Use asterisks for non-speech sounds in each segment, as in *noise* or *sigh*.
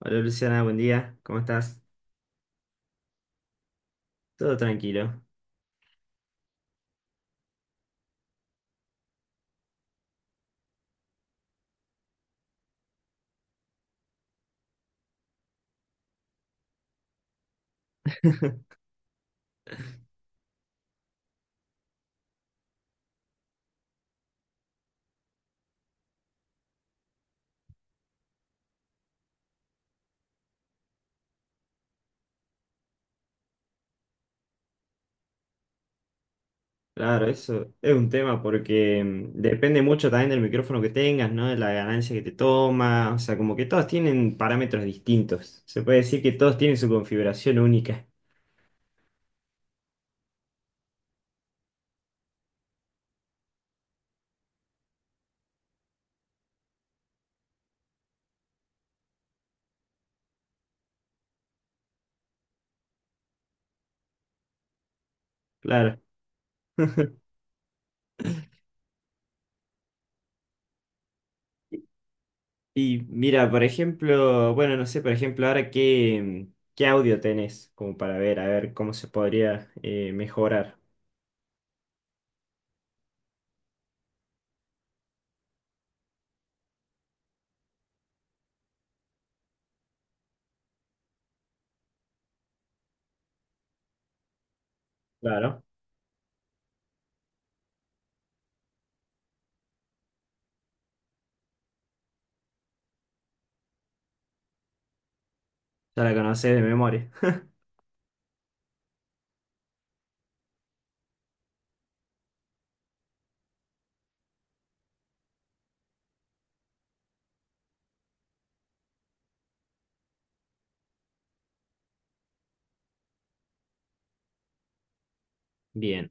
Hola Luciana, buen día, ¿cómo estás? Todo tranquilo. *laughs* Claro, eso es un tema porque depende mucho también del micrófono que tengas, ¿no? De la ganancia que te toma, o sea, como que todos tienen parámetros distintos. Se puede decir que todos tienen su configuración única, claro. *laughs* Y mira, por ejemplo, bueno, no sé, por ejemplo, ahora qué, qué audio tenés, como para ver, a ver cómo se podría mejorar. Claro, ya la conocés de memoria. Bien,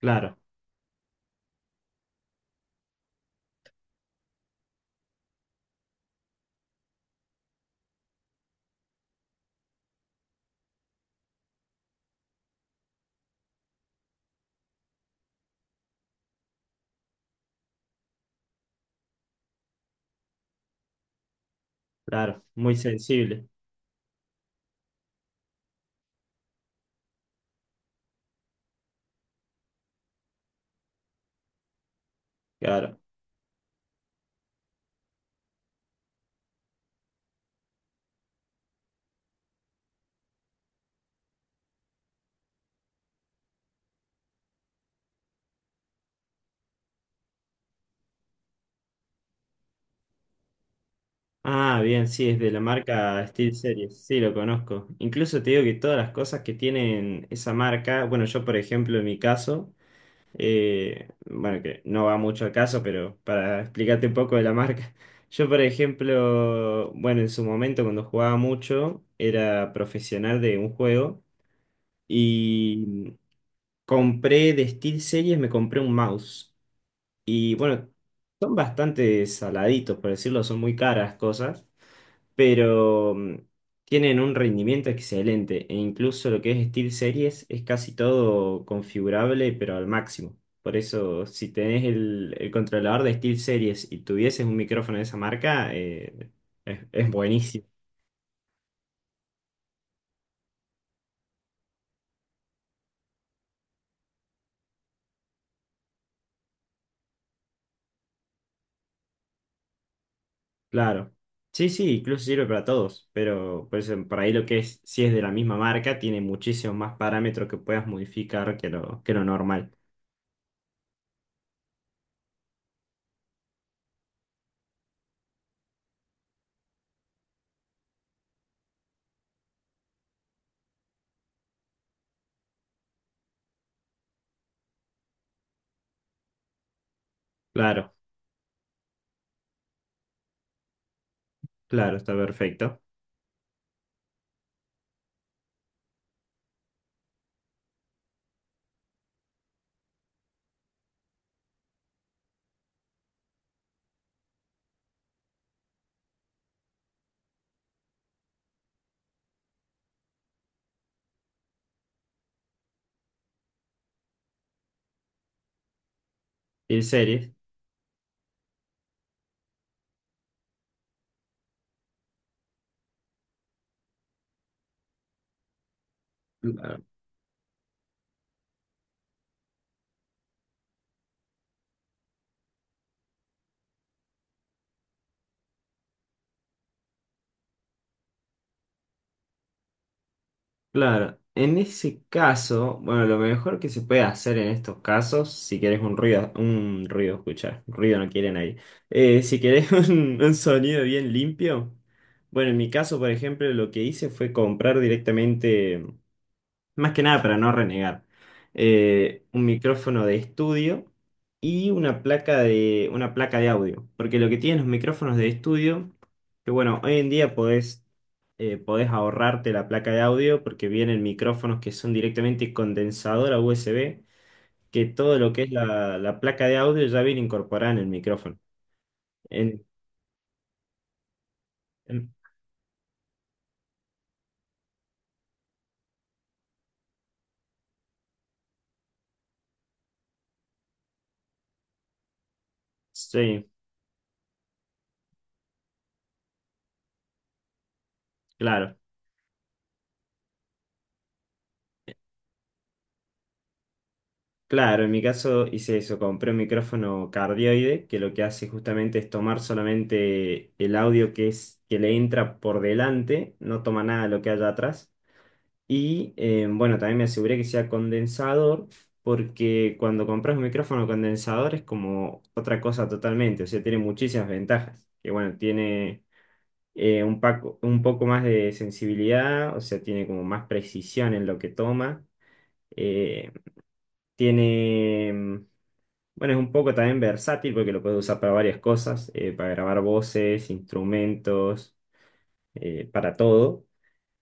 claro, claro, muy sensible. Claro. Ah, bien, sí, es de la marca Steel Series. Sí, lo conozco. Incluso te digo que todas las cosas que tienen esa marca, bueno, yo por ejemplo en mi caso, bueno, que no va mucho al caso, pero para explicarte un poco de la marca, *laughs* yo por ejemplo, bueno, en su momento cuando jugaba mucho, era profesional de un juego y compré de Steel Series, me compré un mouse. Y bueno, son bastante saladitos, por decirlo, son muy caras cosas. Pero tienen un rendimiento excelente e incluso lo que es SteelSeries es casi todo configurable, pero al máximo. Por eso, si tenés el controlador de SteelSeries y tuvieses un micrófono de esa marca, es buenísimo, claro. Sí, sí, incluso sirve para todos, pero por eso, por ahí lo que es, si es de la misma marca, tiene muchísimos más parámetros que puedas modificar que lo normal. Claro, claro, está perfecto. SteelSeries. Claro, en ese caso, bueno, lo mejor que se puede hacer en estos casos, si querés un ruido, escuchar, ruido no quieren ahí, si querés *laughs* un sonido bien limpio, bueno, en mi caso, por ejemplo, lo que hice fue comprar directamente, más que nada para no renegar, un micrófono de estudio y una placa de audio, porque lo que tienen los micrófonos de estudio, que bueno, hoy en día podés ahorrarte la placa de audio porque vienen micrófonos que son directamente condensadora USB, que todo lo que es la, la placa de audio ya viene incorporada en el micrófono. En- en- sí, claro. Claro, en mi caso hice eso, compré un micrófono cardioide que lo que hace justamente es tomar solamente el audio que es que le entra por delante, no toma nada de lo que haya atrás. Y bueno, también me aseguré que sea condensador, porque cuando compras un micrófono condensador es como otra cosa totalmente, o sea, tiene muchísimas ventajas. Que bueno, tiene un poco más de sensibilidad, o sea, tiene como más precisión en lo que toma. eh, tiene, mm, bueno, es un poco también versátil porque lo puedes usar para varias cosas, para grabar voces, instrumentos, para todo.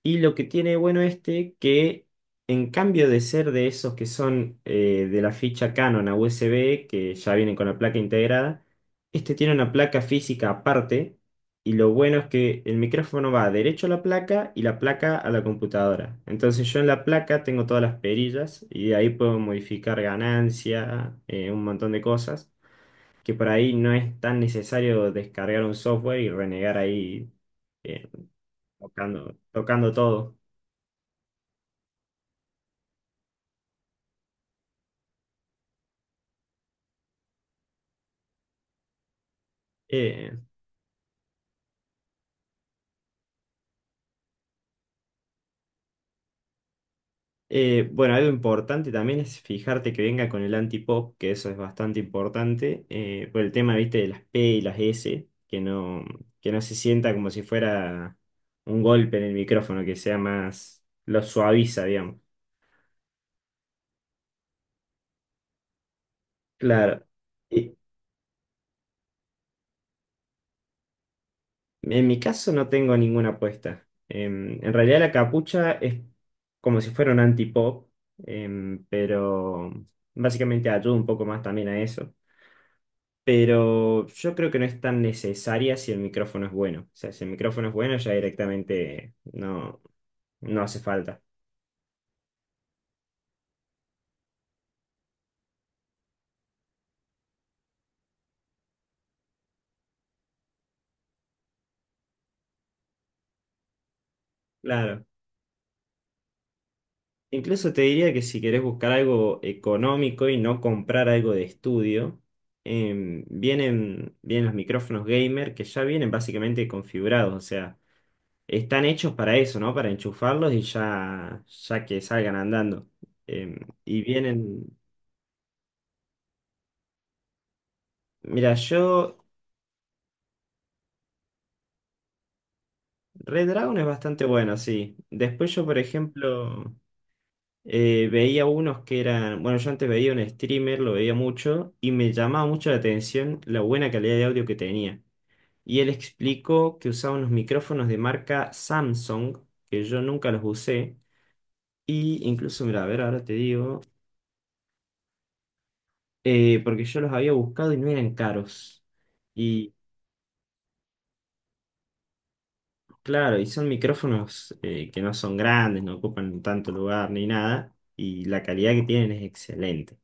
Y lo que tiene bueno este, que en cambio de ser de esos que son de la ficha Canon a USB, que ya vienen con la placa integrada, este tiene una placa física aparte. Y lo bueno es que el micrófono va derecho a la placa y la placa a la computadora. Entonces yo en la placa tengo todas las perillas y de ahí puedo modificar ganancia, un montón de cosas, que por ahí no es tan necesario descargar un software y renegar ahí eh, tocando, tocando todo. Eh, bueno, algo importante también es fijarte que venga con el antipop, que eso es bastante importante, por el tema, viste, de las P y las S, que no se sienta como si fuera un golpe en el micrófono, que sea más, lo suaviza, digamos. Claro. Y en mi caso no tengo ninguna apuesta. En realidad la capucha es como si fuera un antipop, pero básicamente ayuda un poco más también a eso. Pero yo creo que no es tan necesaria si el micrófono es bueno. O sea, si el micrófono es bueno, ya directamente no, no hace falta. Claro. Incluso te diría que si querés buscar algo económico y no comprar algo de estudio, vienen los micrófonos gamer que ya vienen básicamente configurados, o sea, están hechos para eso, ¿no? Para enchufarlos y ya, ya que salgan andando. Em, y vienen, mira, yo Red Dragon es bastante bueno, sí. Después yo, por ejemplo, veía unos que eran, bueno, yo antes veía un streamer, lo veía mucho, y me llamaba mucho la atención la buena calidad de audio que tenía. Y él explicó que usaba unos micrófonos de marca Samsung, que yo nunca los usé, y incluso, mira, a ver, ahora te digo, porque yo los había buscado y no eran caros. Claro, y son micrófonos que no son grandes, no ocupan tanto lugar ni nada, y la calidad que tienen es excelente.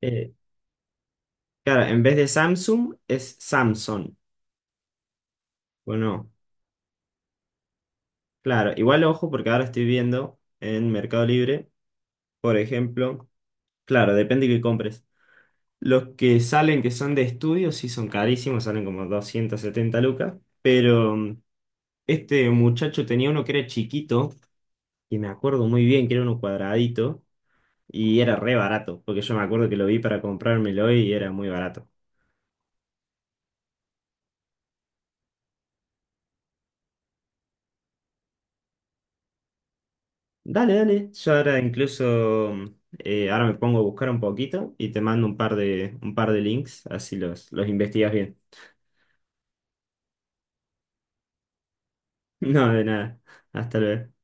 Eh, claro, en vez de Samsung es Samsung. Bueno, claro, igual ojo porque ahora estoy viendo en Mercado Libre, por ejemplo, claro, depende que compres. Los que salen que son de estudio sí son carísimos, salen como 270 lucas, pero este muchacho tenía uno que era chiquito, y me acuerdo muy bien que era uno cuadradito. Y era re barato, porque yo me acuerdo que lo vi para comprármelo y era muy barato. Dale, dale. Yo ahora incluso, ahora me pongo a buscar un poquito y te mando un par de links, así los investigas bien. *laughs* No, de nada. Hasta luego.